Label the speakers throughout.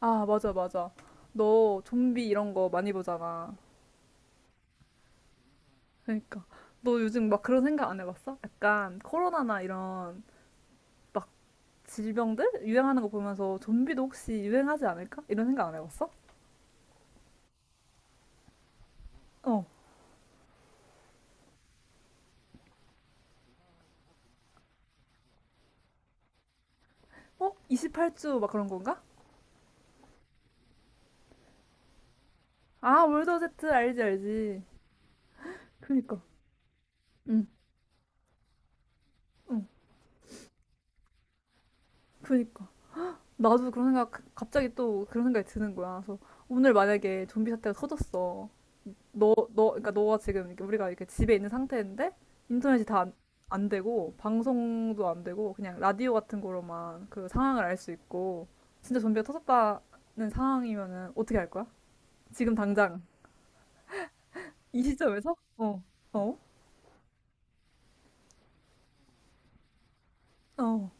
Speaker 1: 아, 맞아, 맞아. 너 좀비 이런 거 많이 보잖아. 그러니까. 너 요즘 막 그런 생각 안 해봤어? 약간 코로나나 이런 막 질병들 유행하는 거 보면서 좀비도 혹시 유행하지 않을까? 이런 생각 안 해봤어? 어. 어? 28주 막 그런 건가? 아, 월드 제트 알지, 알지. 그니까. 응, 응. 그니까. 나도 그런 생각, 갑자기 또 그런 생각이 드는 거야. 그래서 오늘 만약에 좀비 사태가 터졌어. 그러니까 너가 지금 이렇게 우리가 이렇게 집에 있는 상태인데 인터넷이 다 안 되고 방송도 안 되고 그냥 라디오 같은 거로만 그 상황을 알 수 있고 진짜 좀비가 터졌다는 상황이면은 어떻게 할 거야? 지금 당장 이 시점에서? 어, 어, 어.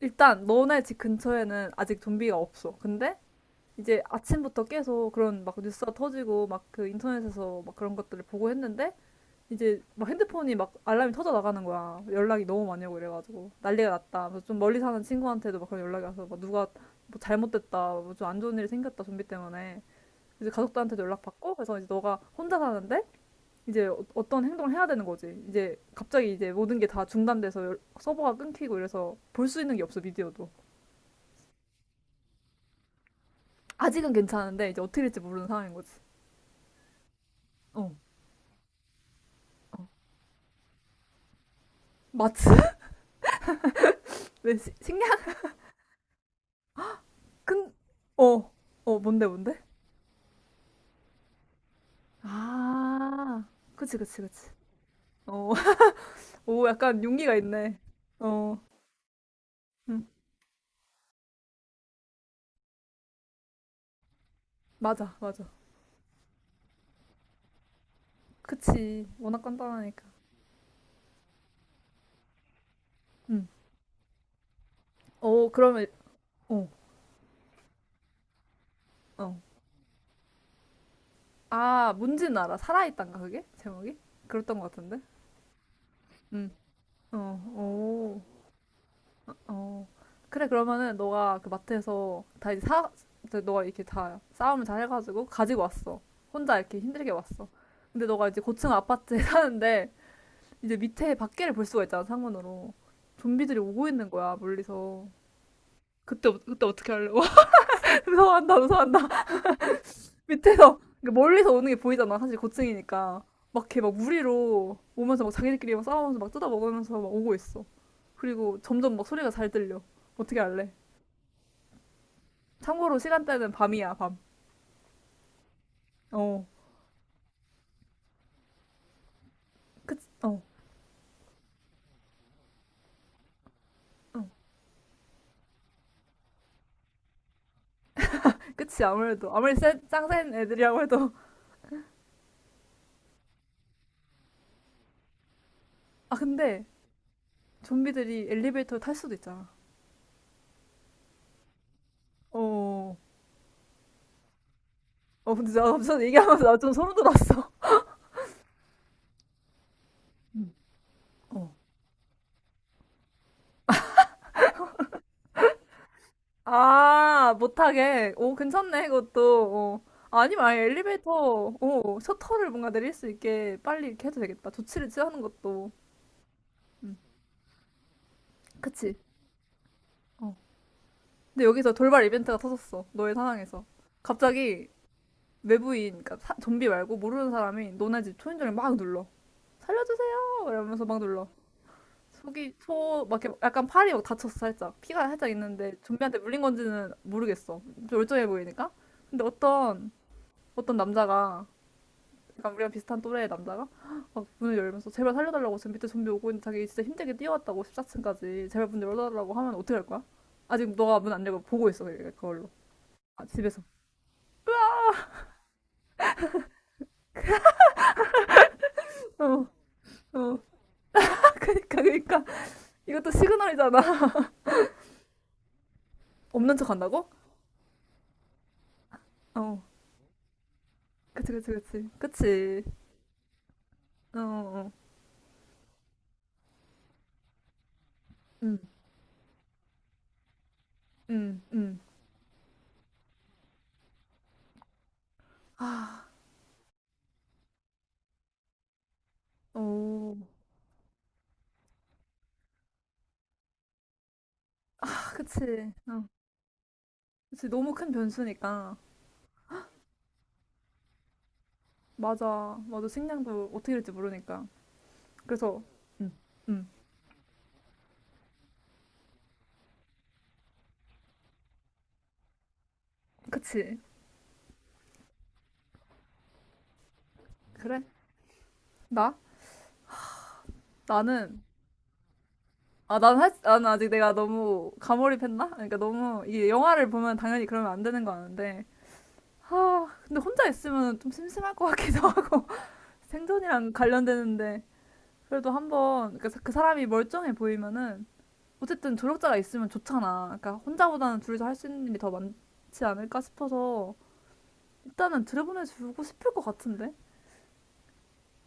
Speaker 1: 일단 너네 집 근처에는 아직 좀비가 없어. 근데 이제 아침부터 계속 그런 막 뉴스가 터지고 막 그 인터넷에서 막 그런 것들을 보고 했는데 이제 막 핸드폰이 막 알람이 터져 나가는 거야. 연락이 너무 많이 오고 이래가지고 난리가 났다. 그래서 좀 멀리 사는 친구한테도 막 그런 연락이 와서 막 누가 뭐 잘못됐다, 뭐 좀 안 좋은 일이 생겼다 좀비 때문에 이제 가족들한테도 연락 받고 그래서 이제 너가 혼자 사는데 이제 어떤 행동을 해야 되는 거지. 이제 갑자기 이제 모든 게 다 중단돼서 서버가 끊기고 이래서 볼 수 있는 게 없어 미디어도. 아직은 괜찮은데 이제 어떻게 될지 모르는 상황인 거지. 어, 어. 마치 왜 식량 큰 어, 어 뭔데 뭔데? 아, 그치, 그치, 그치. 어, 오, 약간 용기가 있네. 어, 응, 맞아, 맞아. 그치, 워낙 간단하니까. 응. 어, 그러면, 어, 어. 아, 뭔지는 알아. 살아있단가, 그게? 제목이? 그랬던 것 같은데? 응. 어, 오, 어. 그래, 그러면은, 너가 그 마트에서 다 이제 너가 이렇게 다 싸움을 잘 해가지고 가지고 왔어. 혼자 이렇게 힘들게 왔어. 근데 너가 이제 고층 아파트에 사는데, 이제 밑에 밖에를 볼 수가 있잖아, 창문으로. 좀비들이 오고 있는 거야, 멀리서. 그때 어떻게 할래? 와, 무서워한다, 무서워한다. 밑에서, 그러니까 멀리서 오는 게 보이잖아, 사실 고층이니까. 막 이렇게 막 무리로 오면서 막 자기들끼리 막 싸우면서 막 뜯어먹으면서 막 오고 있어. 그리고 점점 막 소리가 잘 들려. 어떻게 할래? 참고로 시간대는 밤이야, 밤. 어, 그 어, 어. 그치 아무래도. 아무리 센, 짱센 애들이라고 해도. 아, 근데 좀비들이 엘리베이터를 탈 수도 있잖아. 어. 어, 근데 나 갑자기 얘기하면서 나 좀 소름 돋았어. 응. 어. 아, 못하게. 오, 괜찮네, 그것도. 어. 아니면 아예 엘리베이터, 어, 셔터를 뭔가 내릴 수 있게 빨리 이렇게 해도 되겠다. 조치를 취하는 것도. 음. 그치? 어. 근데 여기서 돌발 이벤트가 터졌어. 너의 상황에서. 갑자기 외부인, 그러니까 좀비 말고 모르는 사람이 너네 집 초인종을 막 눌러. 살려주세요! 이러면서 막 눌러. 속이 초, 막 이렇게 약간 팔이 막 다쳤어, 살짝. 피가 살짝 있는데 좀비한테 물린 건지는 모르겠어. 좀 멀쩡해 보이니까. 근데 어떤, 어떤 남자가, 약간 우리랑 비슷한 또래의 남자가 막 문을 열면서 제발 살려달라고 지금 밑에 좀비 오고 있는데 자기 진짜 힘들게 뛰어왔다고 14층까지 제발 문 열어달라고 하면 어떻게 할 거야? 아직 너가 문 안 열고 보고 있어, 그걸로. 아, 집에서. 어, 어. 아, 그니까, 그니까. 이것도 시그널이잖아. 없는 척 한다고? 어. 그치, 그치, 그치. 그치. 어, 어. 응, 응, 응. 아, 오, 아, 그치. 응. 그치. 너무 큰 변수니까. 맞아. 맞아. 식량도 어떻게 될지 모르니까. 그래서, 응, 응. 그치. 그래? 나? 나는, 나는 아직 내가 너무 가몰입했나? 그러니까 너무, 이게 영화를 보면 당연히 그러면 안 되는 거 아는데. 아, 근데 혼자 있으면 좀 심심할 것 같기도 하고. 생존이랑 관련되는데. 그래도 한번, 그 사람이 멀쩡해 보이면은 어쨌든 조력자가 있으면 좋잖아. 그러니까 혼자보다는 둘이서 할 수 있는 일이 더 많지 않을까 싶어서 일단은 들여보내주고 싶을 것 같은데.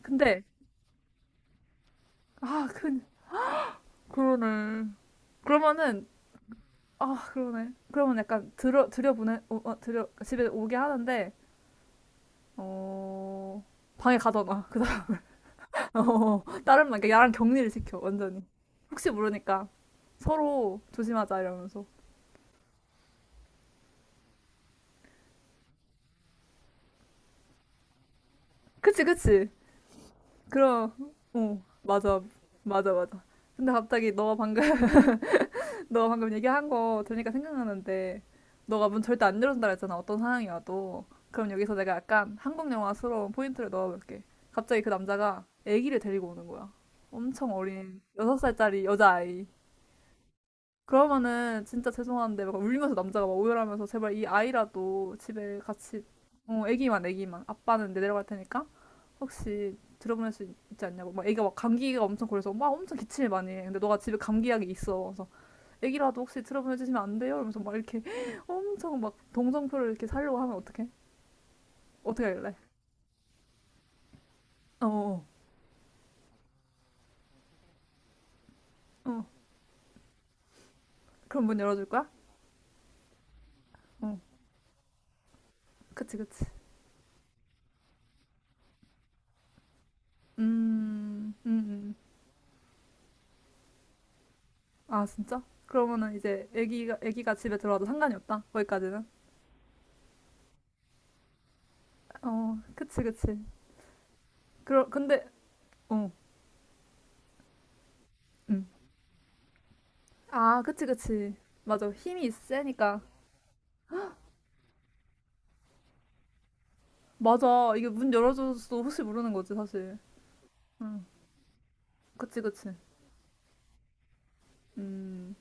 Speaker 1: 근데 아, 그 그러네. 그러면은 아, 그러네. 그러면 약간 들여 집에 오게 하는데 어 방에 가둬놔. 그다다른 말 그러니까 야랑 격리를 시켜 완전히. 혹시 모르니까 서로 조심하자 이러면서. 그치 그치. 그럼, 어, 맞아. 맞아, 맞아. 근데 갑자기 너가 방금, 너가 방금 얘기한 거 들으니까 생각나는데, 너가 문 절대 안 열어준다 했잖아 어떤 상황이어도. 그럼 여기서 내가 약간 한국 영화스러운 포인트를 넣어볼게. 갑자기 그 남자가 아기를 데리고 오는 거야. 엄청 어린, 6살짜리 여자아이. 그러면은 진짜 죄송한데 막 울면서 남자가 막 오열하면서 제발 이 아이라도 집에 같이, 어, 아기만, 아기만. 아빠는 내려갈 테니까 혹시 들어보낼 수 있지 않냐고. 막 애기가 막 감기가 엄청 걸려서 막 엄청 기침을 많이 해. 근데 너가 집에 감기약이 있어. 그래서 애기라도 혹시 들어보내 주시면 안 돼요? 이러면서 막 이렇게 엄청 막 동정표를 이렇게 살려고 하면 어떡해? 어떻게 할래? 어, 어, 어. 그럼 문 열어줄 거야? 어, 그치, 그치. 음, 음, 음. 아, 진짜? 그러면은 이제 애기가, 애기가 집에 들어와도 상관이 없다? 거기까지는? 어, 그치, 그치. 그러, 근데, 어, 음. 아, 그치, 그치. 맞아. 힘이 세니까. 맞아. 이게 문 열어줘서도 혹시 모르는 거지, 사실. 응. 그치, 그치. 음,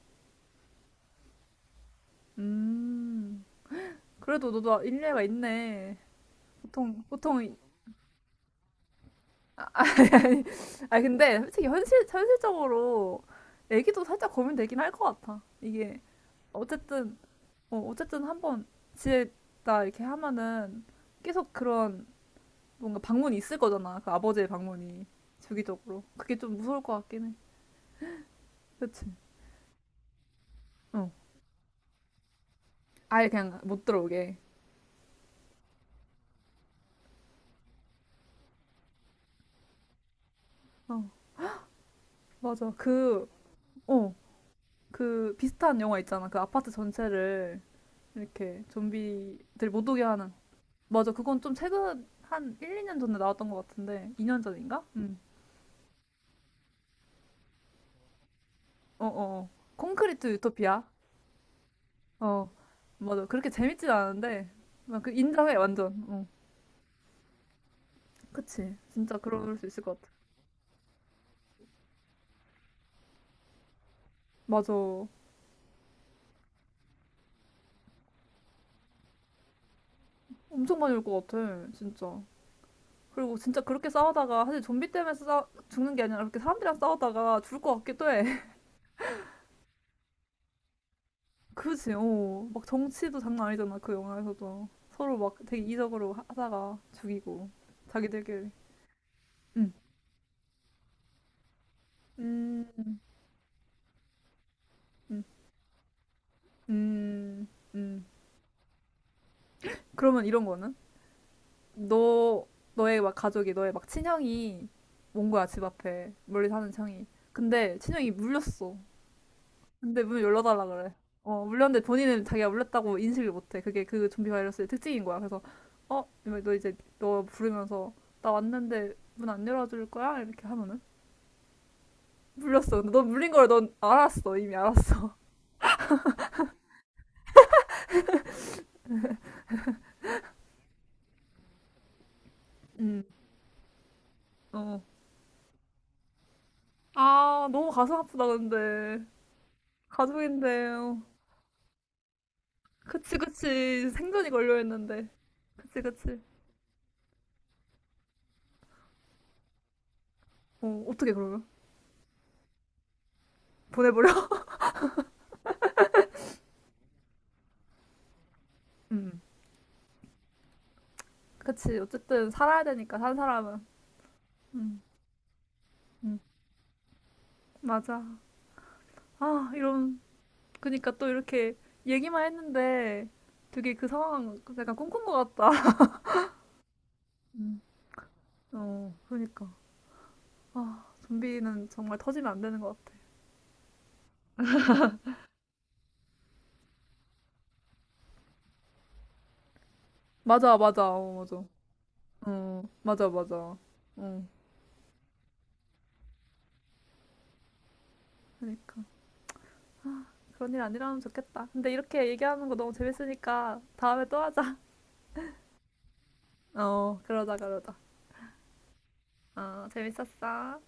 Speaker 1: 음. 그래도 너도 일리가 있네. 보통, 보통. 이- 아니, 근데 솔직히 현실적으로 애기도 살짝 고민되긴 할 것 같아. 이게, 어쨌든, 어, 어쨌든 한번 지냈다 이렇게 하면은 계속 그런 뭔가 방문이 있을 거잖아. 그 아버지의 방문이. 주기적으로. 그게 좀 무서울 것 같긴 해. 그치? 어. 아예 그냥 못 들어오게. 어. 맞아. 그, 어, 그 비슷한 영화 있잖아. 그 아파트 전체를 이렇게 좀비들 못 오게 하는. 맞아. 그건 좀 최근 한 1, 2년 전에 나왔던 것 같은데. 2년 전인가? 응. 어, 어, 어. 콘크리트 유토피아. 어, 맞아. 그렇게 재밌진 않은데. 나그 인정해, 완전. 어. 그치. 진짜 그럴 수 있을 것 같아. 맞아. 엄청 많이 올 것 같아. 진짜. 그리고 진짜 그렇게 싸우다가 사실 좀비 때문에 싸 죽는 게 아니라 그렇게 사람들이랑 싸우다가 죽을 것 같기도 해. 그지, 어. 막 정치도 장난 아니잖아, 그 영화에서도. 서로 막 되게 이성으로 하다가 죽이고. 자기들끼리. 음, 음, 음, 음, 음. 그러면 이런 거는? 너, 너의 막 가족이, 너의 막 친형이 온 거야, 집 앞에. 멀리 사는 형이. 근데 친형이 물렸어. 근데 문 열어달라 그래. 어, 물렸는데 본인은 자기가 물렸다고 인식을 못해. 그게 그 좀비 바이러스의 특징인 거야. 그래서, 어? 이러면 너 이제, 너 부르면서, 나 왔는데 문 안 열어줄 거야? 이렇게 하면은. 물렸어. 근데 넌 물린 걸 넌 알았어. 이미 알았어. 응. 어. 아, 너무 가슴 아프다, 근데. 가족인데. 어. 그치, 그치. 생존이 걸려있는데. 그치, 그치. 어, 어떻게 그러면? 보내버려? 응. 그치. 어쨌든 살아야 되니까, 산 사람은. 응, 응. 맞아. 아, 이런. 그니까 또 이렇게 얘기만 했는데 되게 그 상황 약간 꿈꾼 것 같다. 응. 어, 그러니까. 아, 좀비는 정말 터지면 안 되는 것 같아. 맞아, 맞아. 어, 맞아. 어, 맞아, 맞아. 응 그러니까. 그런 일 아니라면 좋겠다. 근데 이렇게 얘기하는 거 너무 재밌으니까 다음에 또 하자. 어, 그러자, 그러자. 어, 재밌었어.